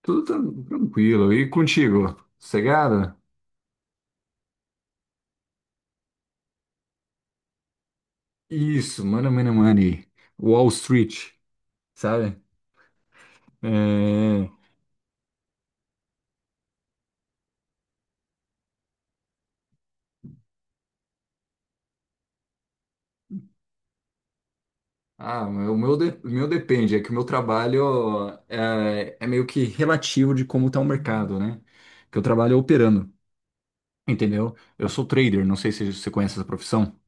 Tudo tranquilo. E contigo? Sossegado? Isso, mano, money. Wall Street, sabe? É... Ah, o meu depende. É que o meu trabalho é meio que relativo de como tá o mercado, né? Que eu trabalho operando, entendeu? Eu sou trader, não sei se você conhece essa profissão.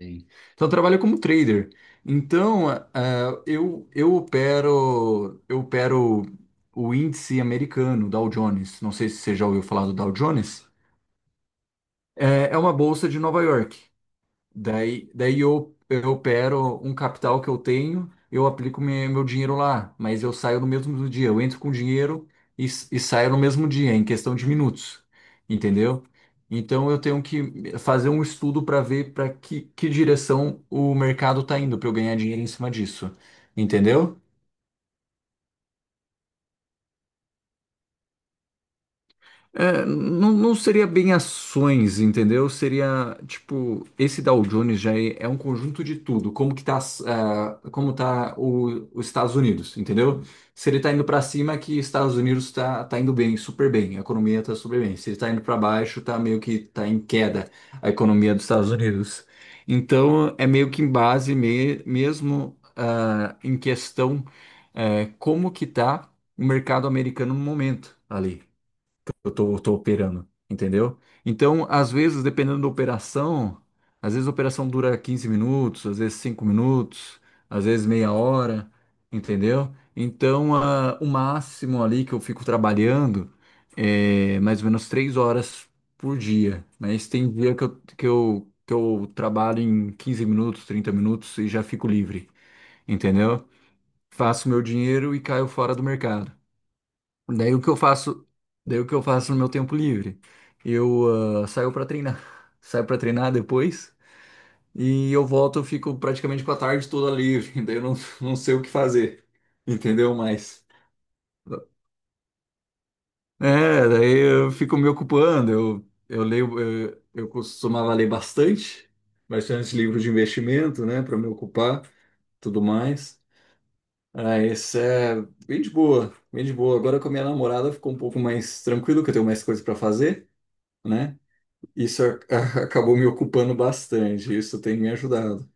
Sim. Então, eu trabalho como trader. Então, eu opero o índice americano, Dow Jones. Não sei se você já ouviu falar do Dow Jones. É uma bolsa de Nova York. Daí eu opero um capital que eu tenho, eu aplico meu dinheiro lá, mas eu saio no mesmo dia. Eu entro com dinheiro e saio no mesmo dia, em questão de minutos, entendeu? Então eu tenho que fazer um estudo para ver para que direção o mercado está indo, para eu ganhar dinheiro em cima disso, entendeu? É, não, não seria bem ações, entendeu? Seria, tipo, esse Dow Jones já é um conjunto de tudo. Como que tá, como tá os Estados Unidos, entendeu? Se ele tá indo para cima, é que Estados Unidos tá indo bem, super bem. A economia tá super bem. Se ele tá indo para baixo, tá meio que tá em queda a economia dos Estados Unidos. Então, é meio que em base mesmo, em questão, como que tá o mercado americano no momento ali eu tô operando, entendeu? Então, às vezes, dependendo da operação, às vezes a operação dura 15 minutos, às vezes 5 minutos, às vezes meia hora, entendeu? Então, o máximo ali que eu fico trabalhando é mais ou menos 3 horas por dia, mas tem dia que eu trabalho em 15 minutos, 30 minutos e já fico livre, entendeu? Faço meu dinheiro e caio fora do mercado. Daí o que eu faço, daí o que eu faço no meu tempo livre? Eu saio para treinar, saio para treinar depois e eu volto, eu fico praticamente com a tarde toda livre, daí eu não sei o que fazer, entendeu? Mas é, daí eu fico me ocupando, eu leio, eu costumava ler bastante, bastante livro de investimento, né, para me ocupar, tudo mais. Ah, isso é bem de boa, bem de boa. Agora com a minha namorada ficou um pouco mais tranquilo, que eu tenho mais coisas para fazer, né? Isso acabou me ocupando bastante, isso tem me ajudado.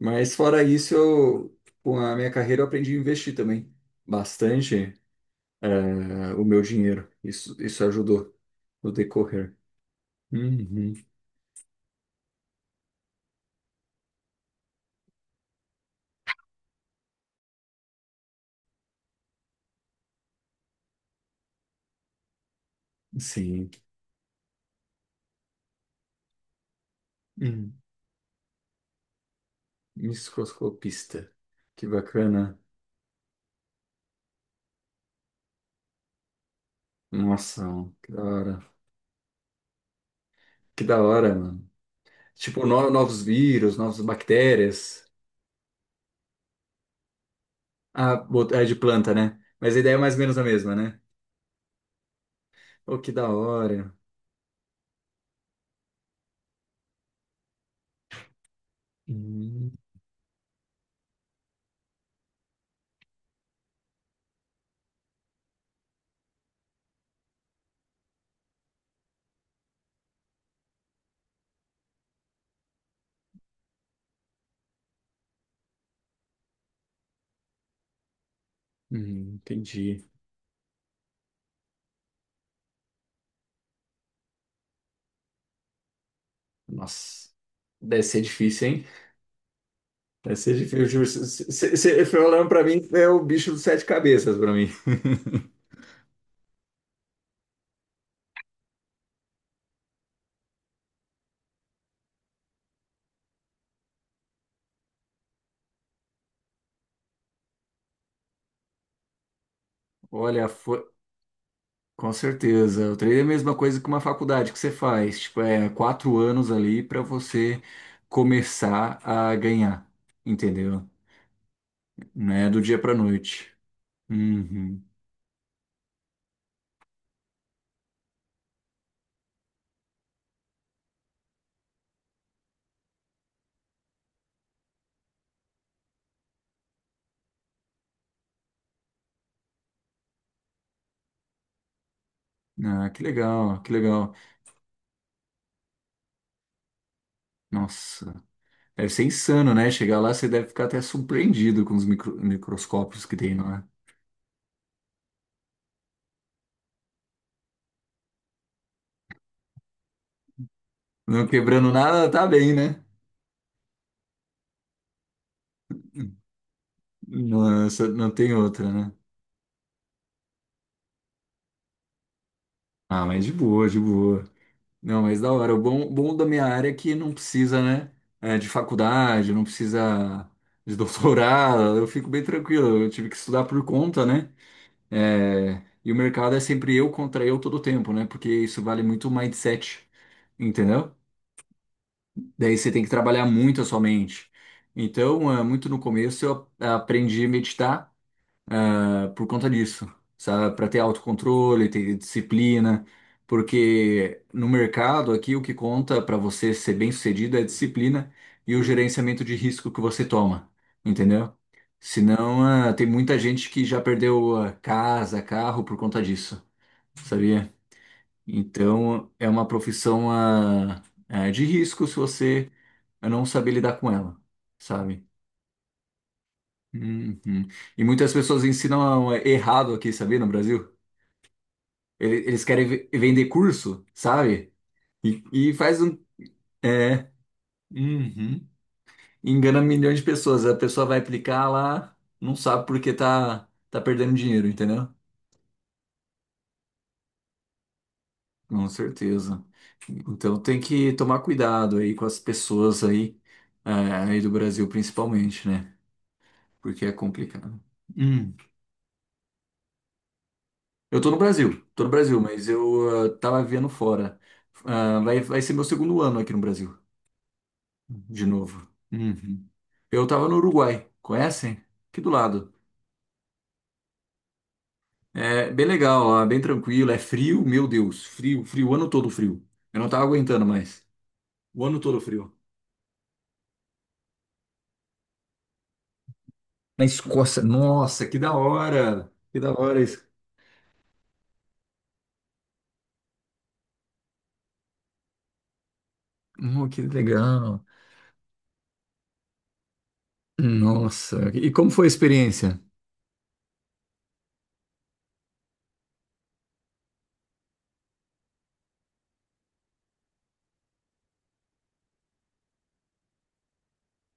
Mas fora isso, eu, com a minha carreira, eu aprendi a investir também bastante o meu dinheiro. Isso ajudou no decorrer. Uhum, sim. Hum, microscopista. Que bacana. Nossa, que da hora. Que da hora, mano. Tipo, novos vírus, novas bactérias. Ah, é de planta, né? Mas a ideia é mais ou menos a mesma, né? Oh, que da hora. Hum. Entendi. Nossa, deve ser difícil, hein? Deve ser difícil. Eu juro, você foi olhando pra mim, é o bicho dos sete cabeças pra mim. Olha, foi, com certeza. O treino é a mesma coisa que uma faculdade que você faz. Tipo, é 4 anos ali pra você começar a ganhar, entendeu? Não é do dia pra noite. Uhum. Ah, que legal, que legal. Nossa, deve ser insano, né? Chegar lá, você deve ficar até surpreendido com os microscópios que tem lá. Não quebrando nada, tá bem, né? Não, não tem outra, né? Ah, mas de boa, de boa. Não, mas da hora. O bom, bom da minha área é que não precisa, né? É, de faculdade, não precisa de doutorado. Eu fico bem tranquilo. Eu tive que estudar por conta, né? É, e o mercado é sempre eu contra eu todo tempo, né? Porque isso vale muito o mindset, entendeu? Daí você tem que trabalhar muito a sua mente. Então, é, muito no começo eu aprendi a meditar por conta disso, sabe? Para ter autocontrole, ter disciplina, porque no mercado aqui o que conta para você ser bem-sucedido é a disciplina e o gerenciamento de risco que você toma, entendeu? Senão, tem muita gente que já perdeu casa, carro por conta disso, sabia? Então, é uma profissão de risco se você não saber lidar com ela, sabe? Uhum. E muitas pessoas ensinam errado aqui, sabia, no Brasil? Eles querem vender curso, sabe? E, e faz um. É. Uhum. Engana milhões de pessoas. A pessoa vai aplicar lá, não sabe porque tá perdendo dinheiro, entendeu? Com certeza. Então tem que tomar cuidado aí com as pessoas aí, é, aí do Brasil principalmente, né? Porque é complicado. Hum. Eu tô no Brasil, mas eu tava vivendo fora. Ah, vai ser meu segundo ano aqui no Brasil, de novo. Uhum. Eu tava no Uruguai, conhecem? Aqui do lado. É bem legal lá, bem tranquilo. É frio, meu Deus, frio, frio, o ano todo frio. Eu não tava aguentando mais. O ano todo frio. Na Escócia, nossa, que da hora! Que da hora isso. Que legal. Nossa, e como foi a experiência?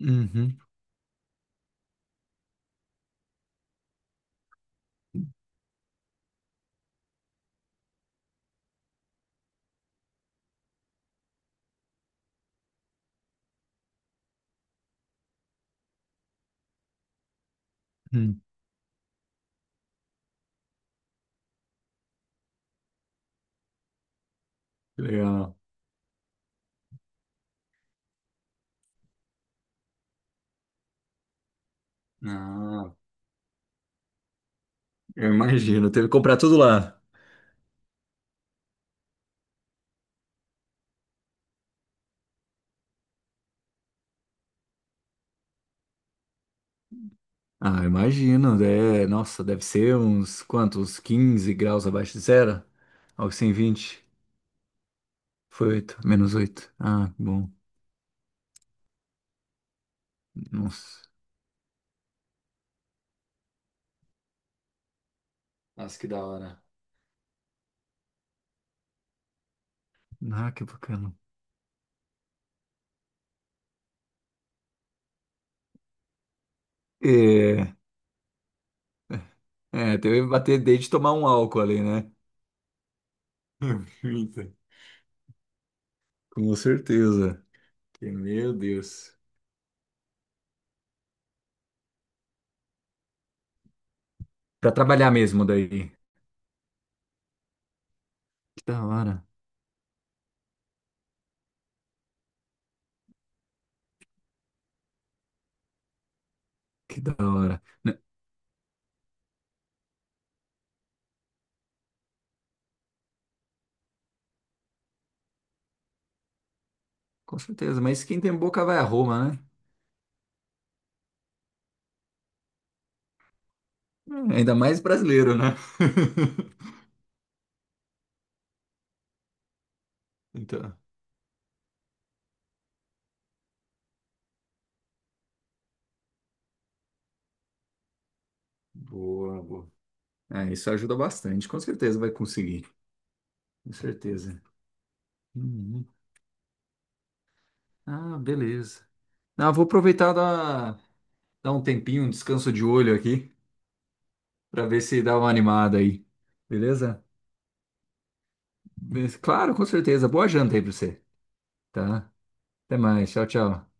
Uhum, hum, que legal. Ah, eu imagino, teve que comprar tudo lá. Ah, eu imagino, é, nossa, deve ser uns quantos, 15 graus abaixo de zero? Algo assim, 20. Foi 8, -8. Ah, bom. Nossa. Nossa, que da hora. Ah, que bacana. É, é, teve que bater desde tomar um álcool ali, né? Eita, com certeza. Que meu Deus. Pra trabalhar mesmo daí. Que da hora, que da hora. Né? Com certeza, mas quem tem boca vai a Roma, né? Ainda mais brasileiro, né? Então, boa, boa. É, isso ajuda bastante, com certeza vai conseguir. Com certeza. Uhum. Ah, beleza. Ah, vou aproveitar dar um tempinho, um descanso de olho aqui, pra ver se dá uma animada aí. Beleza? Mas, claro, com certeza. Boa janta aí pra você, tá? Até mais. Tchau, tchau.